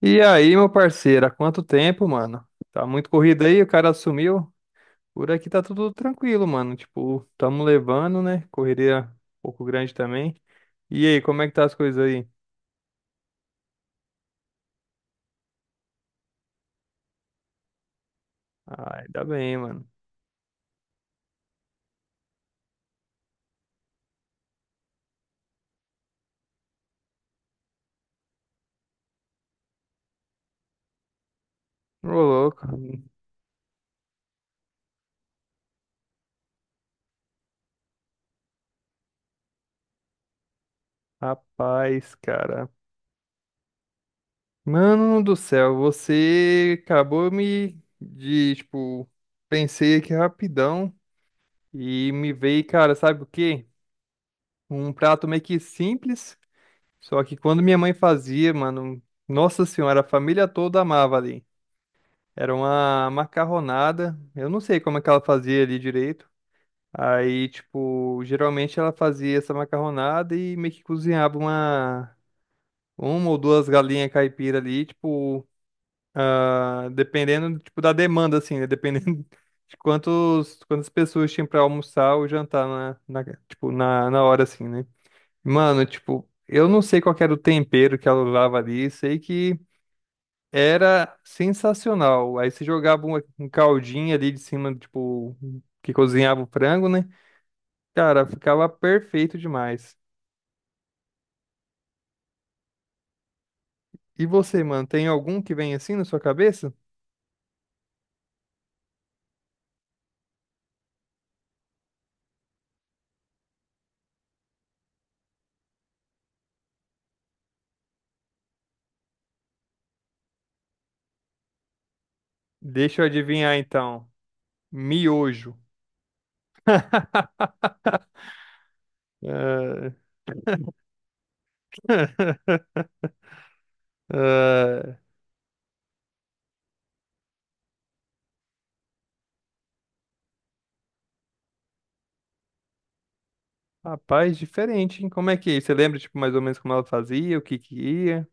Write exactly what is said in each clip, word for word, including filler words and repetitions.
E aí, meu parceiro, há quanto tempo, mano? Tá muito corrido aí, o cara sumiu. Por aqui tá tudo tranquilo, mano. Tipo, tamo levando, né? Correria um pouco grande também. E aí, como é que tá as coisas aí? Ai, tá bem, mano. Ô, louco. Rapaz, cara. Mano do céu, você acabou me de, tipo, pensei aqui rapidão e me veio, cara, sabe o quê? Um prato meio que simples. Só que quando minha mãe fazia, mano, nossa senhora, a família toda amava ali. Era uma macarronada. Eu não sei como é que ela fazia ali direito. Aí, tipo, geralmente ela fazia essa macarronada e meio que cozinhava uma, uma ou duas galinhas caipira ali, tipo, ah, dependendo, tipo, da demanda, assim, né? Dependendo de quantos, quantas pessoas tinham pra almoçar ou jantar na, na- tipo, na, na hora, assim, né? Mano, tipo, eu não sei qual que era o tempero que ela usava ali, sei que era sensacional. Aí você jogava um, um caldinho ali de cima, tipo, que cozinhava o frango, né? Cara, ficava perfeito demais. E você, mano, tem algum que vem assim na sua cabeça? Deixa eu adivinhar então. Miojo. Ah, ah, rapaz, diferente, hein? Como é que é? Você lembra, tipo, mais ou menos como ela fazia, o que que ia?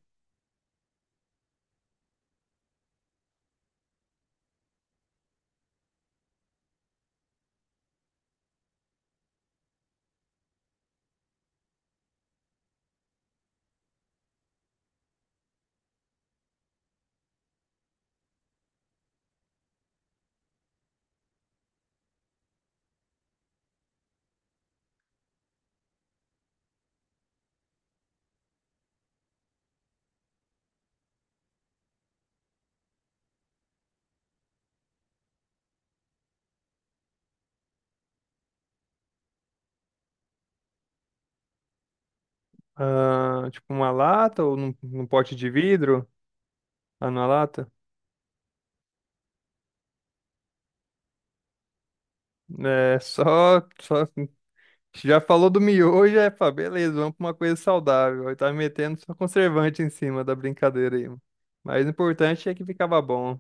Ah, tipo, uma lata ou num, num pote de vidro? Ah, na lata? É, só, só. Já falou do miojo, é, pá, beleza, vamos pra uma coisa saudável. Aí tá metendo só conservante em cima da brincadeira aí, mano. Mas o importante é que ficava bom.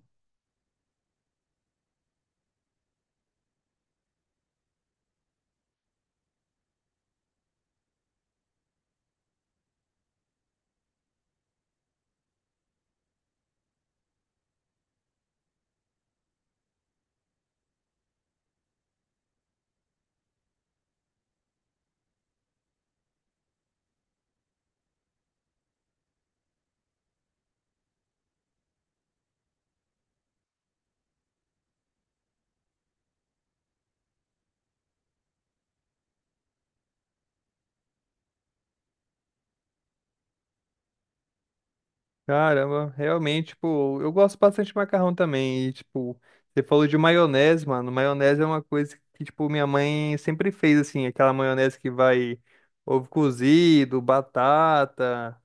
Caramba, realmente, tipo, eu gosto bastante de macarrão também. E, tipo, você falou de maionese, mano. Maionese é uma coisa que, tipo, minha mãe sempre fez, assim, aquela maionese que vai ovo cozido, batata.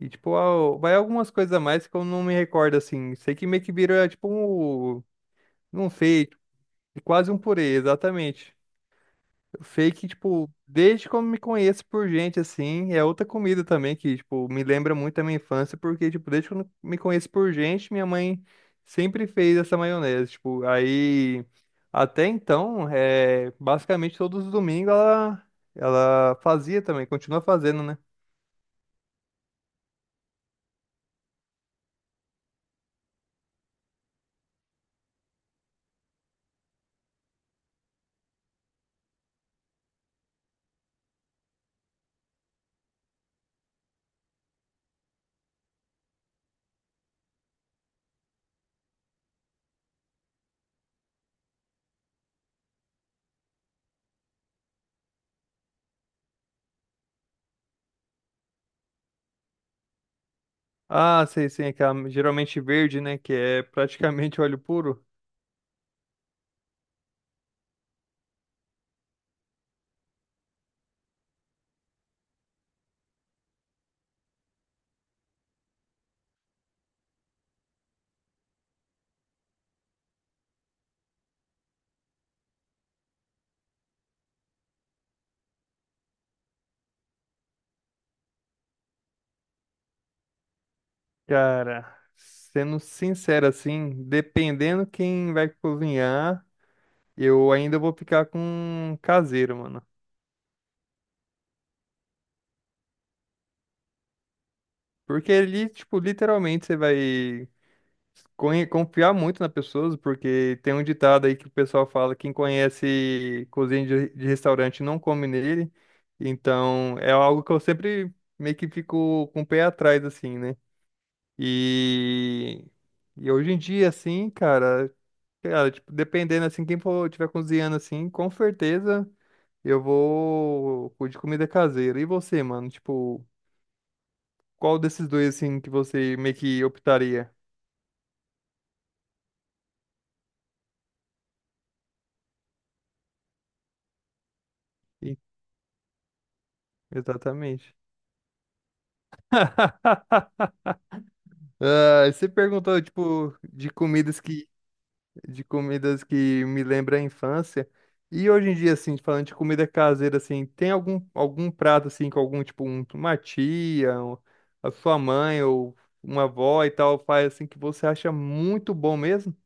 E, tipo, al- vai algumas coisas a mais que eu não me recordo, assim. Sei que meio que vira, tipo, um, um fake, quase um purê, exatamente. Fake, tipo, desde quando me conheço por gente, assim, é outra comida também que, tipo, me lembra muito da minha infância, porque, tipo, desde quando me conheço por gente, minha mãe sempre fez essa maionese, tipo, aí, até então, é, basicamente todos os domingos ela, ela fazia também, continua fazendo, né? Ah, sei, sim, aquela geralmente verde, né? Que é praticamente óleo puro. Cara, sendo sincero assim, dependendo quem vai cozinhar, eu ainda vou ficar com caseiro, mano. Porque ali, tipo, literalmente você vai conhe- confiar muito na pessoa, porque tem um ditado aí que o pessoal fala, quem conhece cozinha de, de restaurante não come nele. Então, é algo que eu sempre meio que fico com o pé atrás, assim, né? E, e hoje em dia, assim, cara, cara, tipo, dependendo, assim, quem for tiver cozinhando, assim, com certeza eu vou com de comida caseira. E você, mano? Tipo, qual desses dois, assim, que você meio que optaria? Ih, exatamente. Ah, você perguntou, tipo, de comidas que de comidas que me lembra a infância. E hoje em dia, assim, falando de comida caseira, assim, tem algum, algum prato, assim, com algum, tipo, um- uma tia, um- a sua mãe ou uma avó e tal, faz, assim, que você acha muito bom mesmo?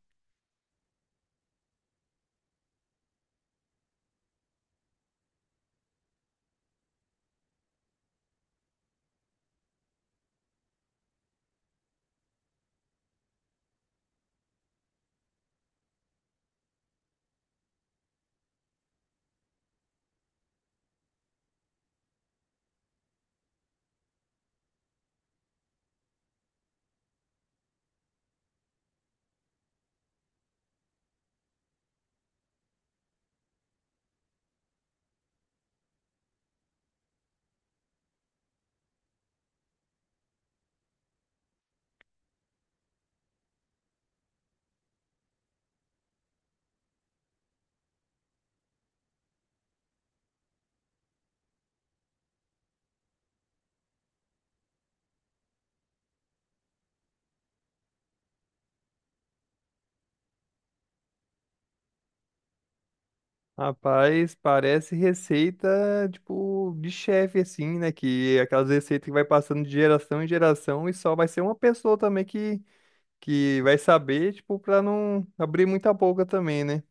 Rapaz, parece receita, tipo, de chefe, assim, né? Que é aquelas receitas que vai passando de geração em geração e só vai ser uma pessoa também que, que vai saber, tipo, pra não abrir muita boca também, né?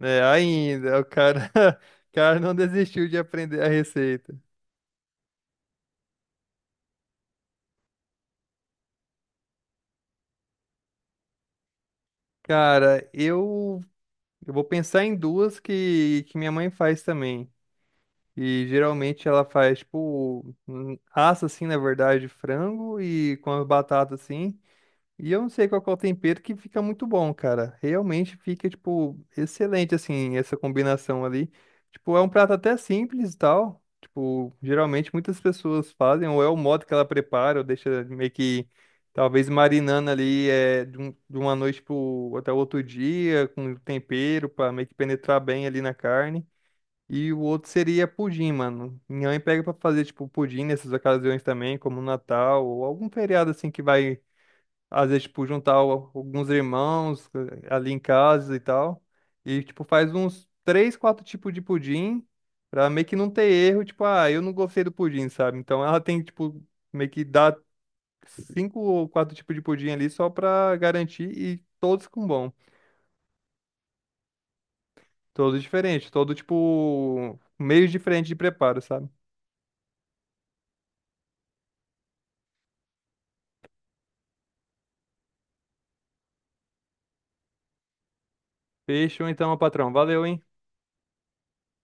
É, ainda, o cara, o cara não desistiu de aprender a receita. Cara, eu, eu vou pensar em duas que, que minha mãe faz também. E geralmente ela faz, tipo, hum, assa assim, na verdade, frango e com a batata assim. E eu não sei qual que é o tempero que fica muito bom, cara. Realmente fica, tipo, excelente, assim, essa combinação ali. Tipo, é um prato até simples e tal. Tipo, geralmente muitas pessoas fazem, ou é o modo que ela prepara, ou deixa meio que, talvez, marinando ali é, de, um- de uma noite pro, até o outro dia, com tempero, pra meio que penetrar bem ali na carne. E o outro seria pudim, mano. Minha mãe pega pra fazer, tipo, pudim nessas ocasiões também, como Natal, ou algum feriado, assim, que vai às vezes, tipo, juntar o- alguns irmãos eh, ali em casa e tal. E, tipo, faz uns três, quatro tipos de pudim pra meio que não ter erro. Tipo, ah, eu não gostei do pudim, sabe? Então ela tem, tipo, meio que dar cinco ou quatro tipos de pudim ali só pra garantir e todos com bom. Todos diferentes, todo, tipo, meios diferentes de preparo, sabe? Fechou então, meu patrão. Valeu, hein?